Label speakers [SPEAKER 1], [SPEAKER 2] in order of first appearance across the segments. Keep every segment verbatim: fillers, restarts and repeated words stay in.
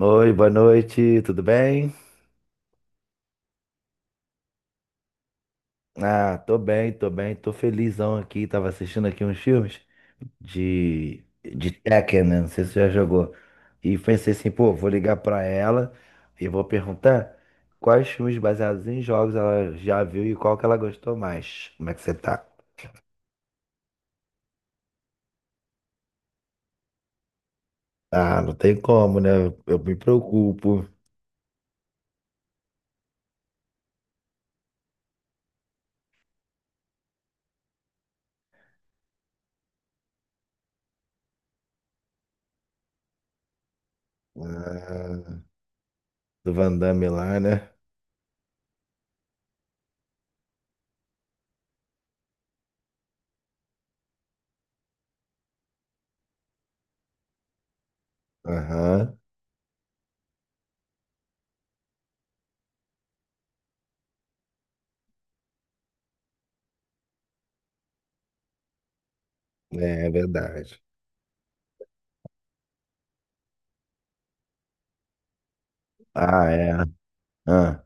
[SPEAKER 1] Oi, boa noite, tudo bem? Ah, tô bem, tô bem, tô felizão aqui. Tava assistindo aqui uns filmes de, de Tekken, né? Não sei se você já jogou. E pensei assim, pô, vou ligar pra ela e vou perguntar quais filmes baseados em jogos ela já viu e qual que ela gostou mais. Como é que você tá? Ah, não tem como, né? Eu me preocupo. Ah, do Van Damme lá, né? Aham, é, é verdade. Ah, é. Ah.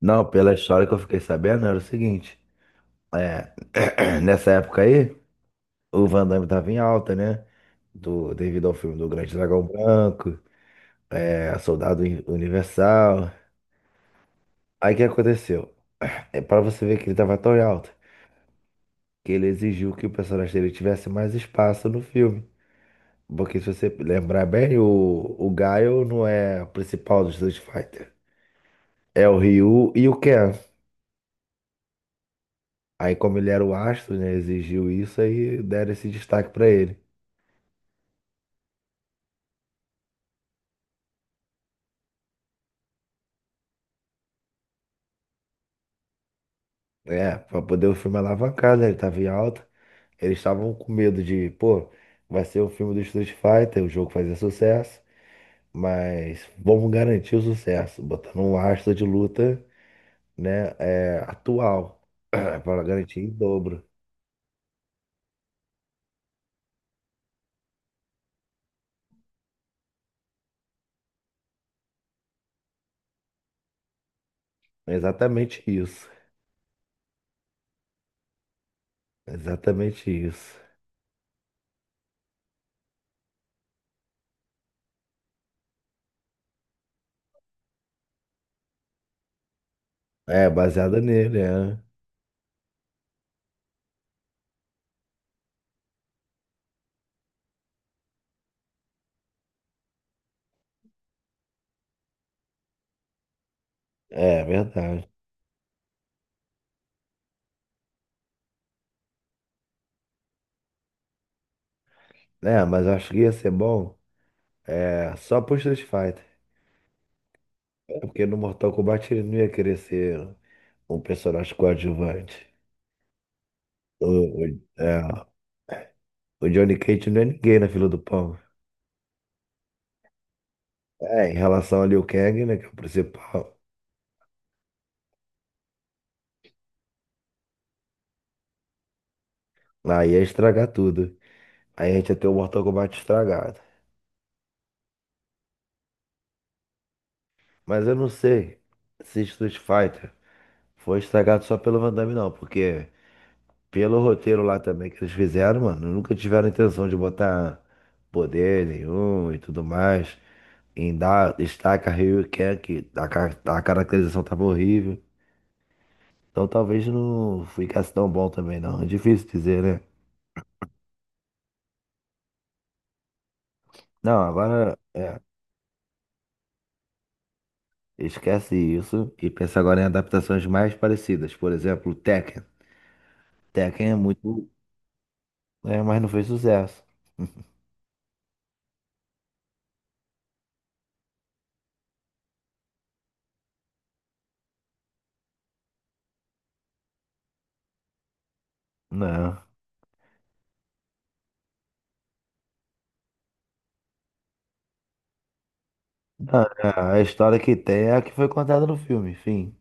[SPEAKER 1] Não, pela história que eu fiquei sabendo era o seguinte, é, nessa época aí, o Van Damme tava em alta, né? Do, devido ao filme do Grande Dragão Branco, é, Soldado Universal. Aí o que aconteceu? É para você ver que ele tava tão em alta, que ele exigiu que o personagem dele tivesse mais espaço no filme. Porque se você lembrar bem, o, o Gaio não é o principal do Street Fighter. É o Ryu e o Ken. Aí como ele era o astro, né, exigiu isso, aí deram esse destaque pra ele. É, pra poder o filme alavancar, né? Ele tava em alta. Eles estavam com medo de, pô, vai ser o filme do Street Fighter, o jogo fazer sucesso, mas vamos garantir o sucesso, botando um astro de luta, né, é, atual, para garantir em dobro. É exatamente isso. É exatamente isso. É, baseada nele, é. É, é verdade. É, mas eu acho que ia ser bom é, só pro Street Fighter. É, porque no Mortal Kombat ele não ia querer ser um personagem coadjuvante. O, o, é, o Johnny Cage não é ninguém na fila do pão. É, em relação ali ao Kang, né, que é o principal. Aí ia estragar tudo. Aí a gente ia ter o Mortal Kombat estragado. Mas eu não sei se Street Fighter foi estragado só pelo Van Damme, não. Porque pelo roteiro lá também que eles fizeram, mano, nunca tiveram intenção de botar poder nenhum e tudo mais. Em dar destaque a Ryu e Ken, que a, ca- a caracterização tava horrível. Então talvez não ficasse tão bom também, não. É difícil dizer, né? Não, agora é, esquece isso e pensa agora em adaptações mais parecidas. Por exemplo, Tekken. Tekken é muito, é, mas não fez sucesso. Não. Não, é, a história que tem é a que foi contada no filme, enfim.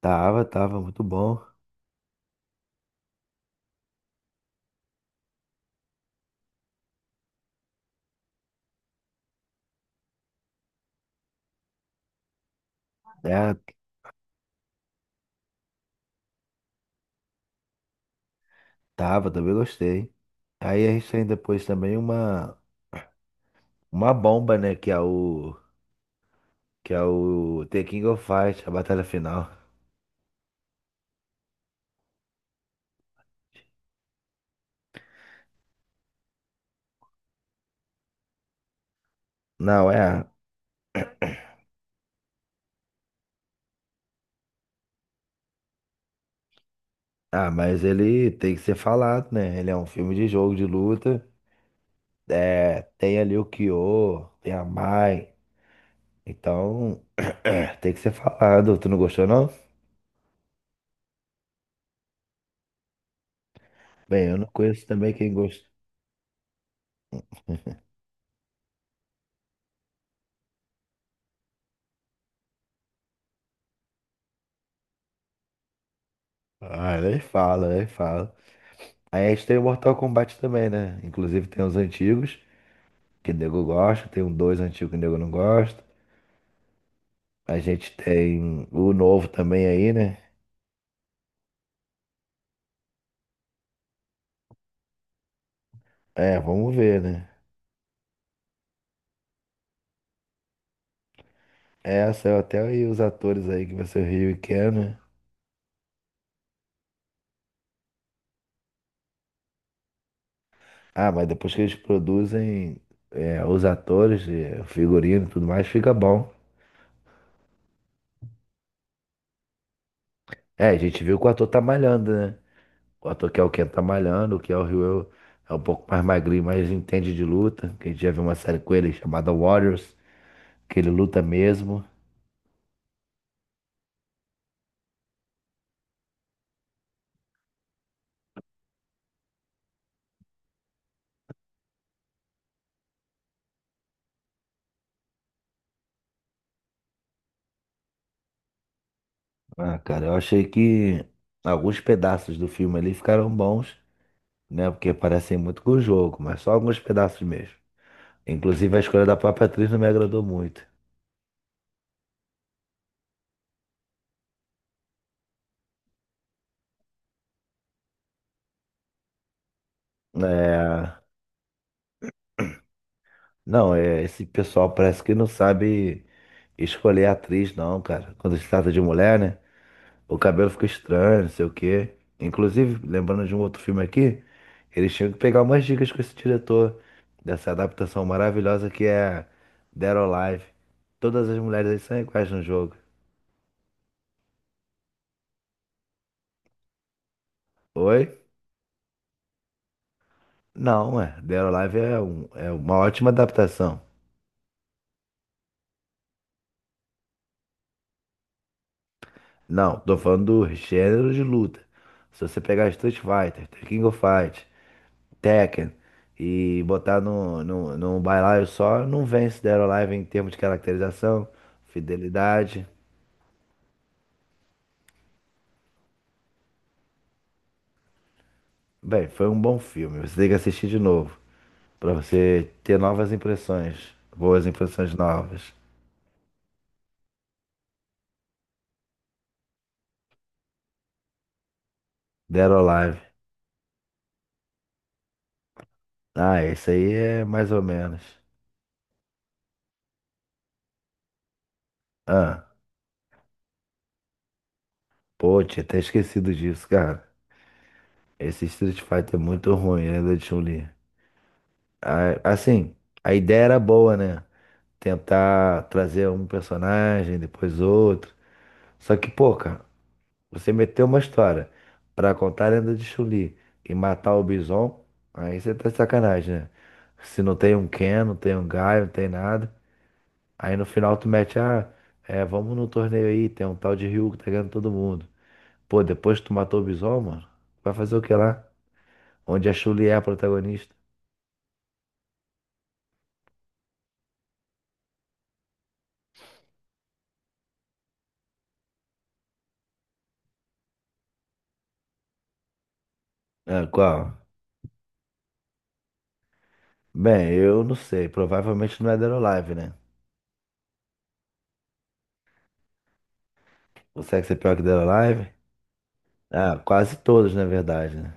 [SPEAKER 1] Tava, tava muito bom. É, tava, também gostei. Aí a gente tem depois também uma uma bomba, né, que é o que é o The King of Fight, a batalha final. Não, é. Ah, mas ele tem que ser falado, né? Ele é um filme de jogo de luta. É, tem ali o Kyo, tem a Mai. Então, é, tem que ser falado. Tu não gostou, não? Bem, eu não conheço também quem gosta. Ah, nem fala, nem fala. Aí a gente tem o Mortal Kombat também, né? Inclusive tem os antigos, que o nego gosta, tem um dois antigo que o nego não gosta. A gente tem o novo também aí, né? É, vamos ver, né? É, saiu até aí os atores aí que vai ser o Ryu e Ken, né? Ah, mas depois que eles produzem é, os atores, é, o figurino e tudo mais, fica bom. É, a gente viu que o ator tá malhando, né? O ator que é o Ken tá malhando, o que é o Ryu é um pouco mais magrinho, mas entende de luta. Que a gente já viu uma série com ele chamada Warriors, que ele luta mesmo. Ah, cara, eu achei que alguns pedaços do filme ali ficaram bons, né? Porque parecem muito com o jogo, mas só alguns pedaços mesmo. Inclusive a escolha da própria atriz não me agradou muito. É. Não, é, esse pessoal parece que não sabe escolher atriz, não, cara. Quando se trata de mulher, né? O cabelo fica estranho, não sei o quê. Inclusive, lembrando de um outro filme aqui, eles tinham que pegar umas dicas com esse diretor dessa adaptação maravilhosa que é Dead or Alive. Todas as mulheres aí são iguais no jogo. Oi? Não, é. Dead or Alive é, um- é uma ótima adaptação. Não, tô falando do gênero de luta. Se você pegar Street Fighter, The King of Fight, Tekken e botar no, no, num bailaio só, não vence Dead or Alive em termos de caracterização, fidelidade. Bem, foi um bom filme. Você tem que assistir de novo pra você ter novas impressões, boas impressões novas. Dead or Alive. Ah, esse aí é mais ou menos. Ah, pô, tinha até esquecido disso, cara. Esse Street Fighter é muito ruim, ainda de Chun-Li. A- Assim, a ideia era boa, né? Tentar trazer um personagem, depois outro. Só que, pô, cara, você meteu uma história pra contar a lenda de Chun-Li e matar o Bison, aí você tá de sacanagem, né? Se não tem um Ken, não tem um Guy, não tem nada. Aí no final tu mete, ah, é, vamos no torneio aí, tem um tal de Ryu que tá ganhando todo mundo. Pô, depois que tu matou o Bison, mano, vai fazer o que lá? Onde a Chun-Li é a protagonista? Ah, qual? Bem, eu não sei. Provavelmente não é Dead or Alive, né? Consegue ser pior que Dead or Alive? Ah, quase todos, na verdade, né?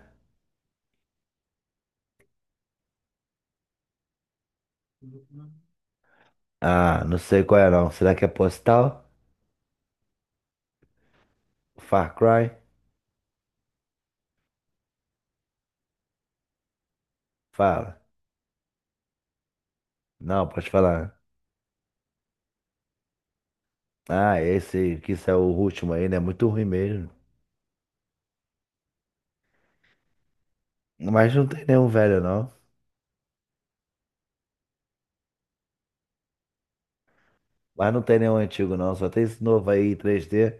[SPEAKER 1] Ah, não sei qual é não. Será que é Postal? Far Cry? Fala. Não, pode falar. Ah, esse que isso é o último aí, né? Muito ruim mesmo. Mas não tem nenhum velho, não. Mas não tem nenhum antigo, não. Só tem esse novo aí, três D.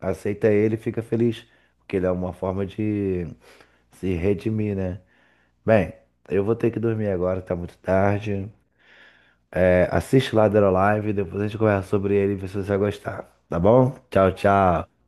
[SPEAKER 1] Aceita ele e fica feliz. Porque ele é uma forma de se redimir, né? Bem, eu vou ter que dormir agora, tá muito tarde. É, assiste lá Live, depois a gente conversa sobre ele e vê se você vai gostar. Tá bom? Tchau, tchau.